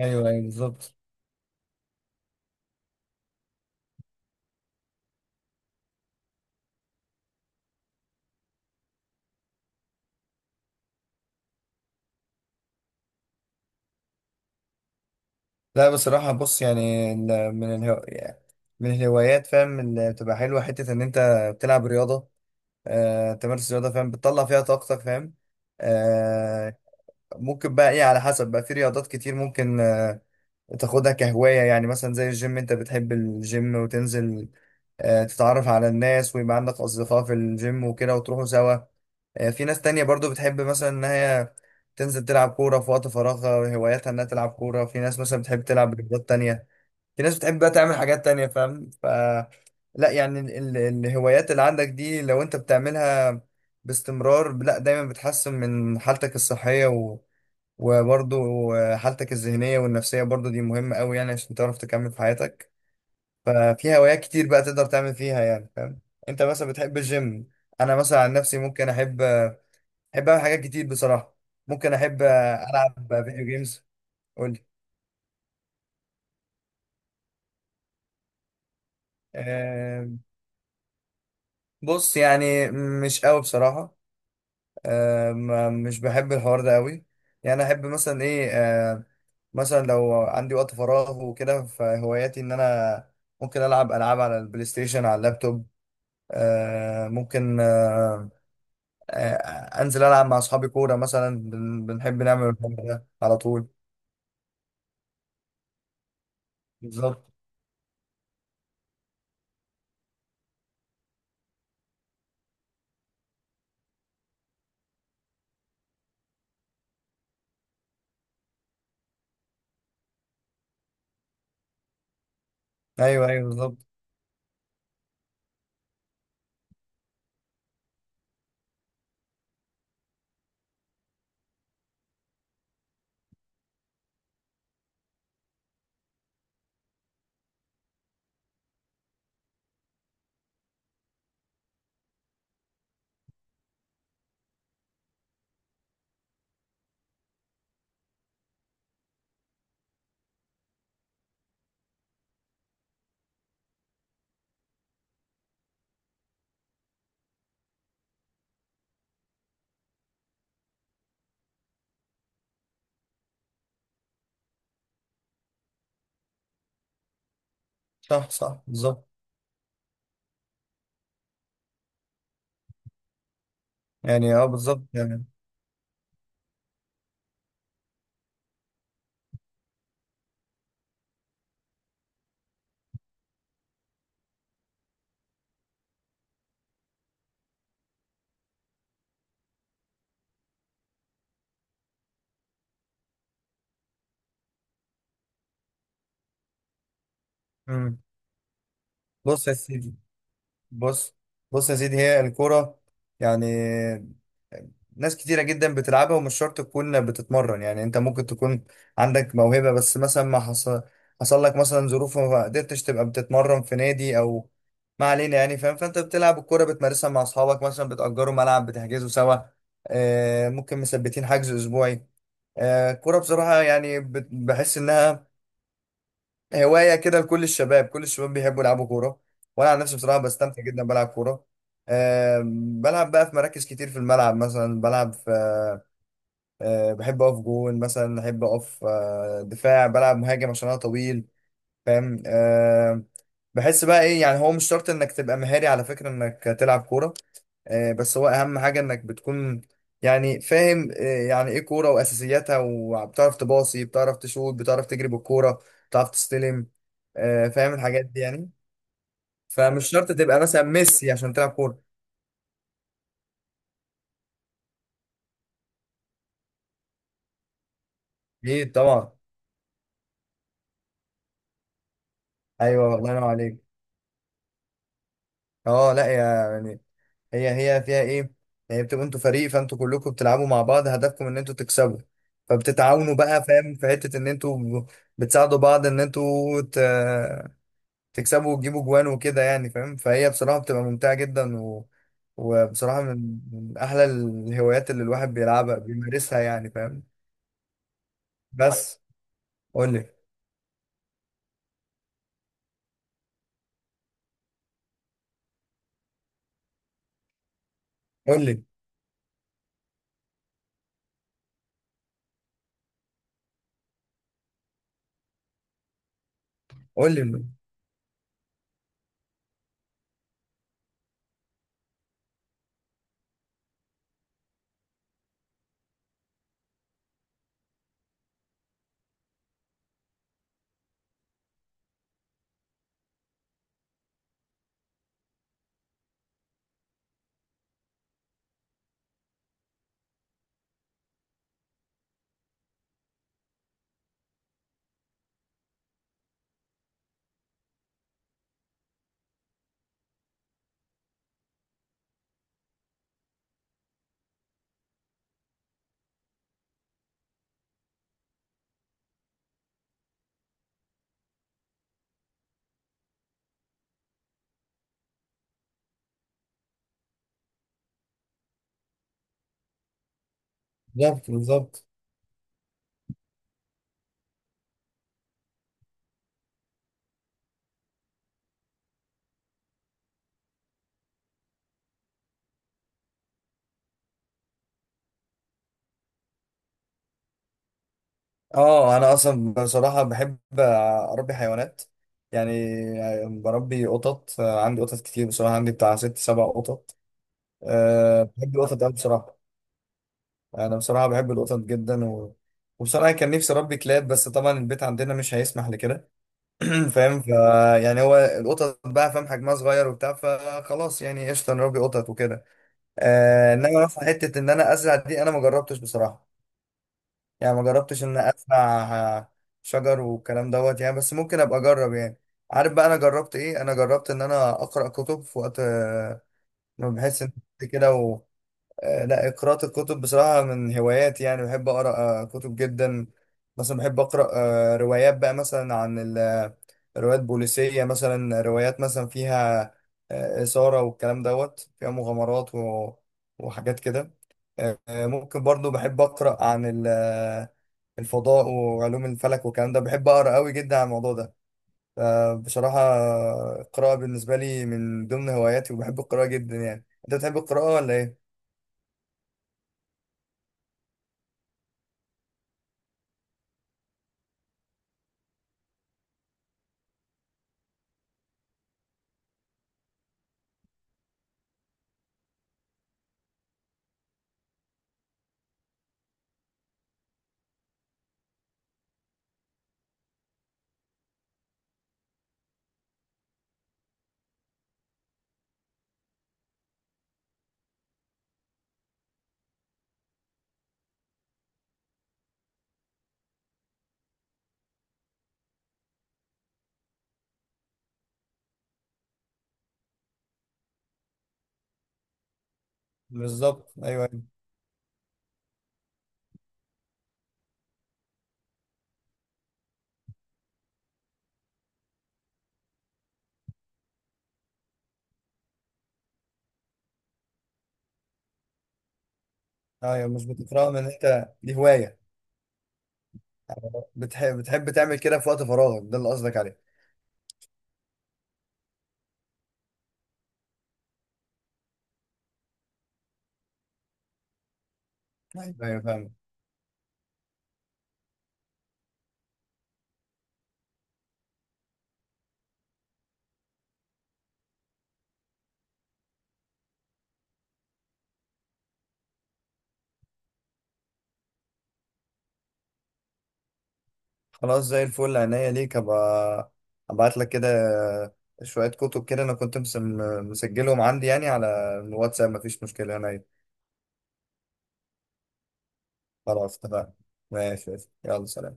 ايوه، ايوه، بالظبط. لا بصراحه، بص يعني يعني من الهوايات، فاهم، اللي بتبقى حلوه، حته ان انت بتلعب رياضه. تمارس رياضه، فاهم، بتطلع فيها طاقتك، فاهم. آه. ممكن بقى ايه على حسب، بقى في رياضات كتير ممكن تاخدها كهواية، يعني مثلا زي الجيم، انت بتحب الجيم وتنزل، آه، تتعرف على الناس ويبقى عندك أصدقاء في الجيم وكده وتروحوا سوا. آه، في ناس تانية برضو بتحب مثلا إن هي تنزل تلعب كورة في وقت فراغها، هواياتها إنها تلعب كورة. في ناس مثلا بتحب تلعب رياضات تانية، في ناس بتحب بقى تعمل حاجات تانية، فاهم. لا يعني ال... الهوايات اللي عندك دي لو أنت بتعملها باستمرار، لا دايما بتحسن من حالتك الصحية، وبرضه حالتك الذهنية والنفسية، برضه دي مهمة أوي، يعني عشان تعرف تكمل في حياتك. ففي هوايات كتير بقى تقدر تعمل فيها، يعني فاهم. أنت مثلا بتحب الجيم، أنا مثلا عن نفسي ممكن أحب، أعمل حاجات كتير بصراحة. ممكن أحب ألعب فيديو جيمز. قولي؟ أه، بص يعني مش أوي بصراحة. آه، ما مش بحب الحوار ده قوي. يعني احب مثلا ايه، مثلا لو عندي وقت فراغ وكده، فهواياتي ان انا ممكن العب العاب على البلاي ستيشن على اللابتوب. ممكن. انزل العب مع اصحابي كوره مثلا، بنحب نعمل الحوار ده على طول. بالظبط. ايوه، ايوه، بالظبط. صح، صح، بالظبط. يعني اه بالظبط يعني. مم. بص يا سيدي. بص. بص يا سيدي، هي الكورة يعني ناس كتيرة جدا بتلعبها، ومش شرط تكون بتتمرن، يعني انت ممكن تكون عندك موهبة، بس مثلا ما حصل، حصل لك مثلا ظروف وما قدرتش تبقى بتتمرن في نادي او ما علينا يعني، فاهم. فانت بتلعب الكورة بتمارسها مع اصحابك، مثلا بتأجروا ملعب، بتحجزوا سوا، آه، ممكن مثبتين حجز اسبوعي. آه، الكورة بصراحة يعني بحس انها هواية كده لكل الشباب، كل الشباب بيحبوا يلعبوا كورة. وأنا عن نفسي بصراحة بستمتع جدا بلعب كورة. بلعب بقى في مراكز كتير، في الملعب مثلا بلعب في، بحب أقف جون، مثلا أحب أقف دفاع، بلعب مهاجم عشان أنا طويل، فاهم. بحس بقى إيه، يعني هو مش شرط إنك تبقى مهاري على فكرة إنك تلعب كورة، آه، بس هو اهم حاجه انك بتكون، يعني فاهم، آه، يعني ايه كوره واساسياتها، وبتعرف تباصي، بتعرف تشوط، بتعرف تجري بالكوره، بتعرف تستلم، آه، فاهم الحاجات دي يعني. فمش شرط تبقى مثلا ميسي عشان تلعب كوره. اكيد طبعا. ايوه، الله ينور عليك. اه لا يعني، هي هي فيها ايه يعني، بتبقوا انتوا فريق، فانتوا كلكم بتلعبوا مع بعض هدفكم ان انتوا تكسبوا، فبتتعاونوا بقى فاهم، في حته ان انتوا بتساعدوا بعض ان تكسبوا وتجيبوا جوان وكده، يعني فاهم. فهي بصراحة بتبقى ممتعة جدا، و... وبصراحة من أحلى الهوايات اللي الواحد بيلعبها بيمارسها، يعني فاهم. بس قول لي، قول لي، قول لي. بالظبط، بالظبط. اه انا اصلا بصراحة بحب اربي حيوانات، يعني بربي قطط. آه، عندي قطط كتير بصراحة، عندي بتاع ست سبع قطط. أه بحب القطط أوي بصراحة. أنا بصراحة بحب القطط جدا، و... وبصراحة كان نفسي أربي كلاب، بس طبعا البيت عندنا مش هيسمح لكده. فاهم. يعني هو القطط بقى، فاهم حجمها صغير وبتاع، فخلاص يعني قشطه نربي قطط وكده. آه، انما مثلا حته ان انا ازرع دي انا ما جربتش بصراحه، يعني ما جربتش ان ازرع آه، شجر والكلام دوت، يعني بس ممكن ابقى اجرب. يعني عارف بقى انا جربت ايه؟ انا جربت ان انا اقرا كتب في وقت. آه، ما بحس ان كده. لا، قراءة الكتب بصراحة من هواياتي، يعني بحب أقرأ آه، كتب جدا. مثلا بحب أقرأ آه، روايات بقى، مثلا عن روايات بوليسية، مثلا روايات مثلا فيها آه، إثارة والكلام دوت، فيها مغامرات و- وحاجات كده. ممكن برضو بحب أقرأ عن الفضاء وعلوم الفلك والكلام ده، بحب أقرأ قوي جدا عن الموضوع ده. فبصراحة آه، القراءة بالنسبة لي من ضمن هواياتي، وبحب القراءة جدا. يعني أنت بتحب القراءة ولا إيه؟ بالظبط، ايوه، ايوه. ايوه، مش بتفرغ من ان انت دي هوايه بتحب، تعمل كده في وقت فراغك، ده اللي قصدك عليه. ايوه، ايوه، فاهم. خلاص، زي الفل، عينيا ليك، ابقى ابعت لك كده شويه كتب كده، انا كنت مسجلهم عندي يعني على الواتساب، مفيش مشكله عينيا. خلاص اتفقنا. ماشي، ماشي. يلا سلام.